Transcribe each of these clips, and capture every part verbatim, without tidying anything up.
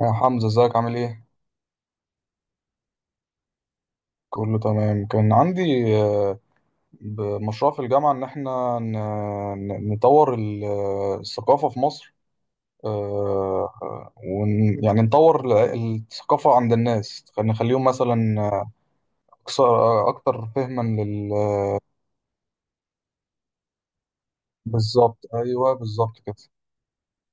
يا حمزة ازيك عامل ايه؟ كله تمام. كان عندي آه، ب- مشروع في الجامعة ان احنا ن- ن- نطور ال- آه، الثقافة في مصر. آه، ون يعني نطور ال- الثقافة عند الناس، نخليهم مثلا أكثر أكتر فهما لل بالظبط أيوه، بالظبط كده.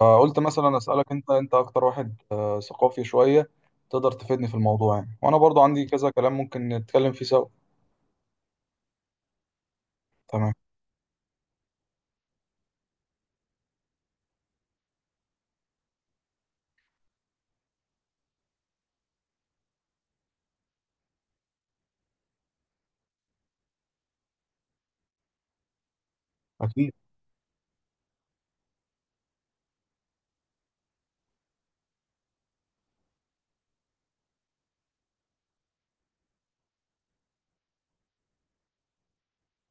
فقلت مثلا أسألك أنت أنت أكتر واحد آه، ثقافي شوية. تقدر تفيدني في الموضوع يعني، وأنا برضو عندي كذا كلام ممكن نتكلم فيه سوا. تمام. أكيد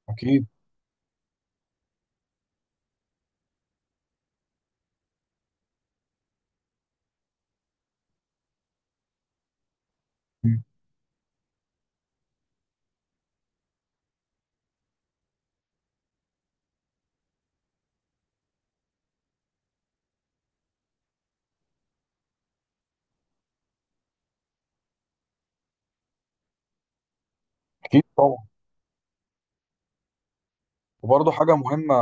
أكيد. أمم، أكيد طبعا. وبرضه حاجة مهمة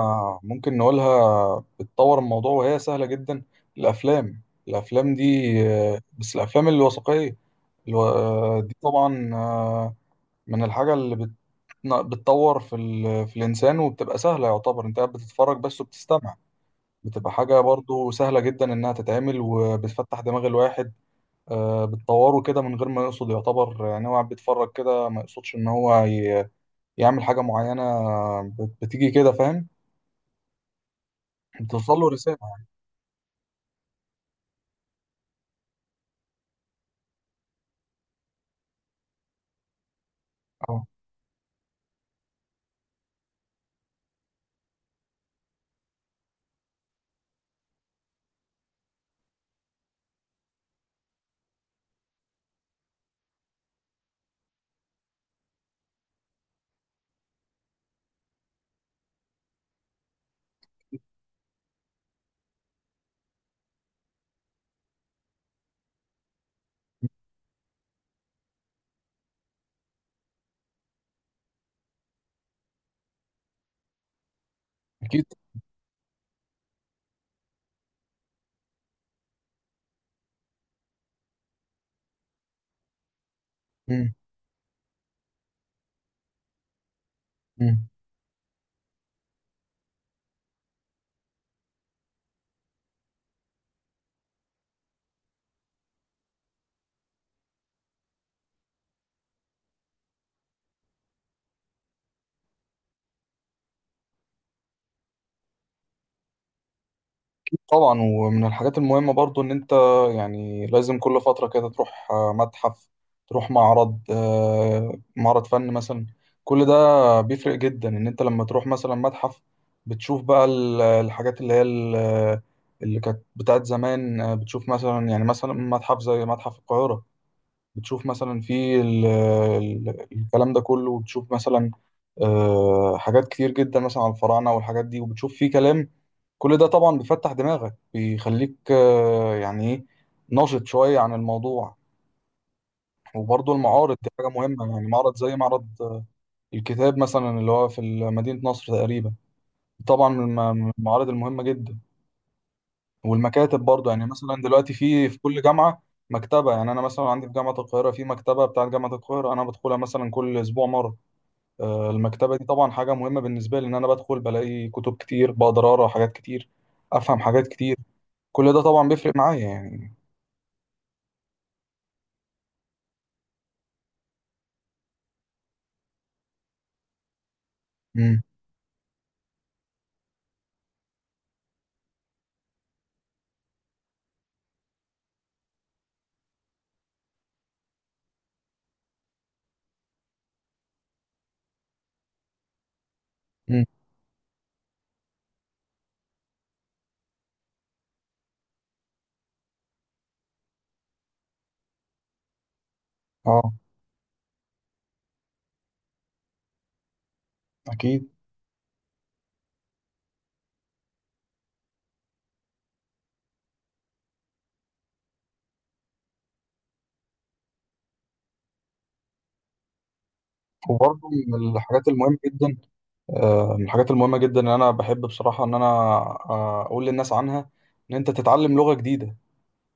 ممكن نقولها بتطور الموضوع، وهي سهلة جدا. الأفلام الأفلام دي، آه، بس الأفلام الوثائقية. الو- آه، دي طبعا آه، من الحاجة اللي بت- بتطور في, ال... في الإنسان، وبتبقى سهلة، يعتبر أنت قاعد بتتفرج بس وبتستمع. بتبقى حاجة برضه سهلة جدا إنها تتعمل، وبتفتح دماغ الواحد. آه، بتطوره كده من غير ما يقصد، يعتبر يعني هو قاعد بيتفرج كده، ما يقصدش إن هو ي... يعمل حاجة معينة. بت- بتيجي كده، فاهم؟ بتوصل له رسالة يعني. اه أكيد. مم. مم. طبعا، ومن الحاجات المهمة برضو إن أنت يعني لازم كل فترة كده تروح آه، متحف، تروح معرض آه، معرض فن مثلا. كل ده بيفرق جدا. إن أنت لما تروح مثلا متحف، بتشوف بقى ال- الحاجات اللي هي ال- اللي كانت بتاعت زمان. آه، بتشوف مثلا، يعني مثلا متحف زي متحف القاهرة، بتشوف مثلا في ال- ال- الكلام ده كله، وبتشوف مثلا آه، حاجات كتير جدا مثلا على الفراعنة والحاجات دي، وبتشوف فيه كلام. كل ده طبعا بيفتح دماغك، بيخليك آه، يعني ايه، ناشط شوية عن الموضوع. وبرضه المعارض دي حاجة مهمة، يعني معرض زي معرض الكتاب مثلا اللي هو في مدينة نصر تقريبا، طبعا من الم- من المعارض المهمة جدا. والمكاتب برضه، يعني مثلا دلوقتي في في كل جامعة مكتبة. يعني أنا مثلا عندي في جامعة القاهرة في مكتبة بتاعة جامعة القاهرة، أنا بدخلها مثلا كل أسبوع مرة. آه، المكتبة دي طبعا حاجة مهمة بالنسبة لي، إن أنا بدخل بلاقي كتب كتير، بقدر أقرأ حاجات كتير، أفهم حاجات كتير. كل ده طبعا بيفرق معايا يعني. مم. مم. أه أكيد. وبرضه من الحاجات المهمة جدا آه، من الحاجات المهمة جدا إن أنا بحب بصراحة، إن أنا آه، أقول للناس عنها إن أنت تتعلم لغة جديدة.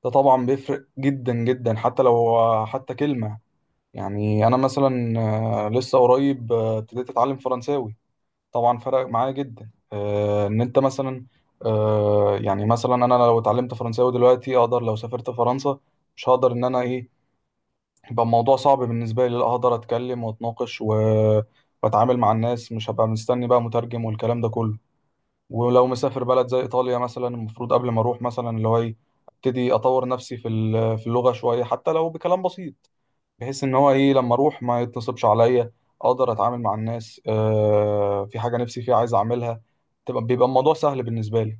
ده طبعا بيفرق جدا جدا، حتى لو آه، حتى كلمة. يعني أنا مثلا آه، لسه قريب آه، ابتديت أتعلم فرنساوي. طبعا فرق معايا جدا، آه، ان انت مثلا، آه، يعني مثلا انا لو اتعلمت فرنساوي دلوقتي اقدر، لو سافرت فرنسا، مش هقدر ان انا ايه، يبقى الموضوع صعب بالنسبه لي، لا اقدر اتكلم واتناقش و... واتعامل مع الناس، مش هبقى مستني بقى مترجم والكلام ده كله. ولو مسافر بلد زي ايطاليا مثلا، المفروض قبل ما اروح مثلا اللي هو ايه، ابتدي اطور نفسي في ال- في اللغه شويه، حتى لو بكلام بسيط، بحيث ان هو ايه لما اروح ما يتصلش عليا، اقدر اتعامل مع الناس، آه في حاجه نفسي فيها عايز اعملها، تبقى بيبقى الموضوع سهل بالنسبه لي.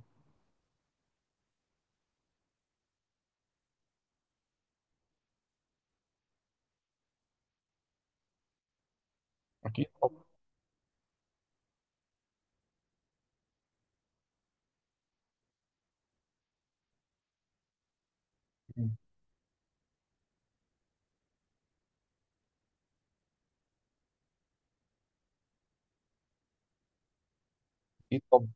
اكيد طبعا. اكيد طبعا.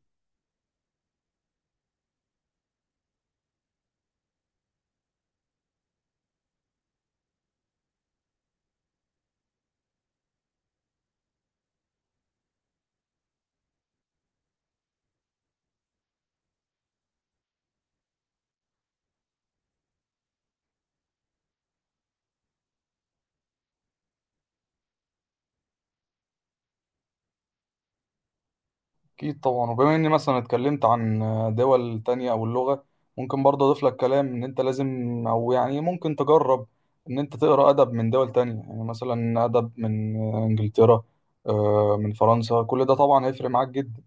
اكيد طبعا. وبما اني مثلا اتكلمت عن دول تانية او اللغه، ممكن برضه اضيف لك كلام، ان انت لازم، او يعني ممكن تجرب ان انت تقرا ادب من دول تانية. يعني مثلا ادب من انجلترا، آه من فرنسا، كل ده طبعا هيفرق معاك جدا.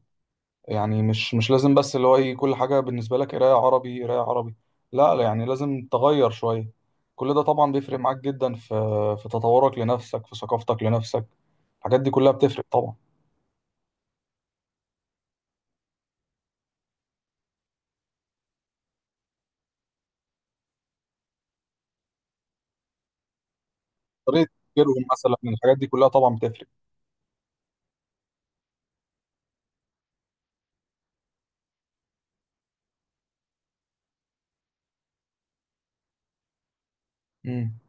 يعني مش مش لازم بس اللي هو ايه كل حاجة بالنسبة لك قراية عربي قراية عربي. لا لا، يعني لازم تغير شوية. كل ده طبعا بيفرق معاك جدا في في تطورك لنفسك، في ثقافتك لنفسك. الحاجات دي كلها بتفرق طبعا. طريقة تفكيرهم مثلا، الحاجات دي كلها طبعا بتفرق. امم.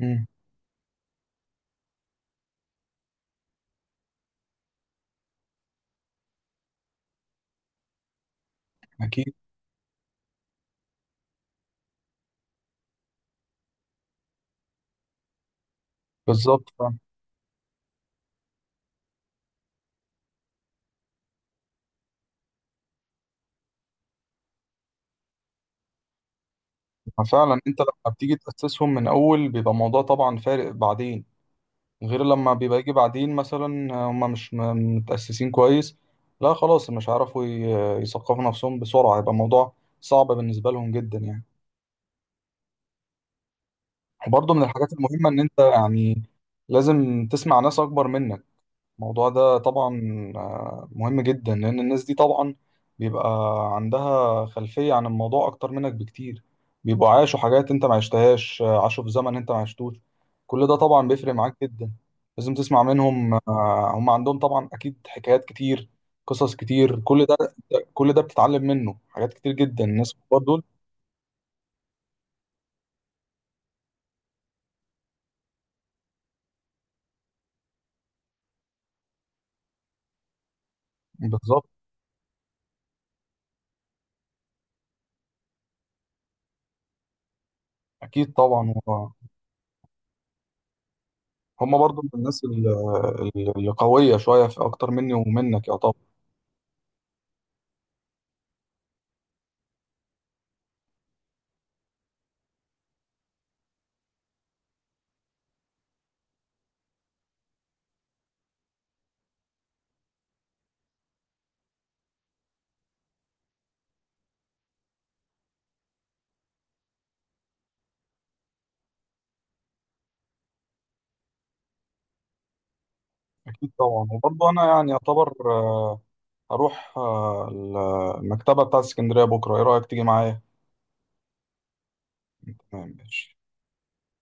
امم. اكيد. بالظبط فعلا. فعلا انت لما بتيجي تأسسهم من اول، بيبقى الموضوع طبعا فارق بعدين، غير لما بيبقى يجي بعدين مثلا هما مش م- متأسسين كويس. لا خلاص، مش هيعرفوا ي- يثقفوا نفسهم بسرعة، هيبقى الموضوع صعب بالنسبة لهم جدا يعني. وبرضه من الحاجات المهمة إن أنت يعني لازم تسمع ناس أكبر منك. الموضوع ده طبعا آه، مهم جدا، لأن الناس دي طبعا بيبقى عندها خلفية عن الموضوع أكتر منك بكتير، بيبقوا عاشوا حاجات أنت ما عشتهاش، آه، عاشوا في زمن أنت ما عشتوش. كل ده طبعا بيفرق معاك جدا. لازم تسمع منهم، آه، هم عندهم طبعا أكيد حكايات كتير، قصص كتير. كل ده كل ده بتتعلم منه حاجات كتير جدا، الناس الكبار دول. بالظبط. أكيد طبعا. هم برضو من الناس ال- ال- اللي قوية شوية في أكتر مني ومنك يعتبر. أكيد طبعا. وبرضه أنا يعني أعتبر هروح آه، المكتبة بتاعت اسكندرية بكرة، إيه رأيك تيجي معايا؟ تمام ماشي.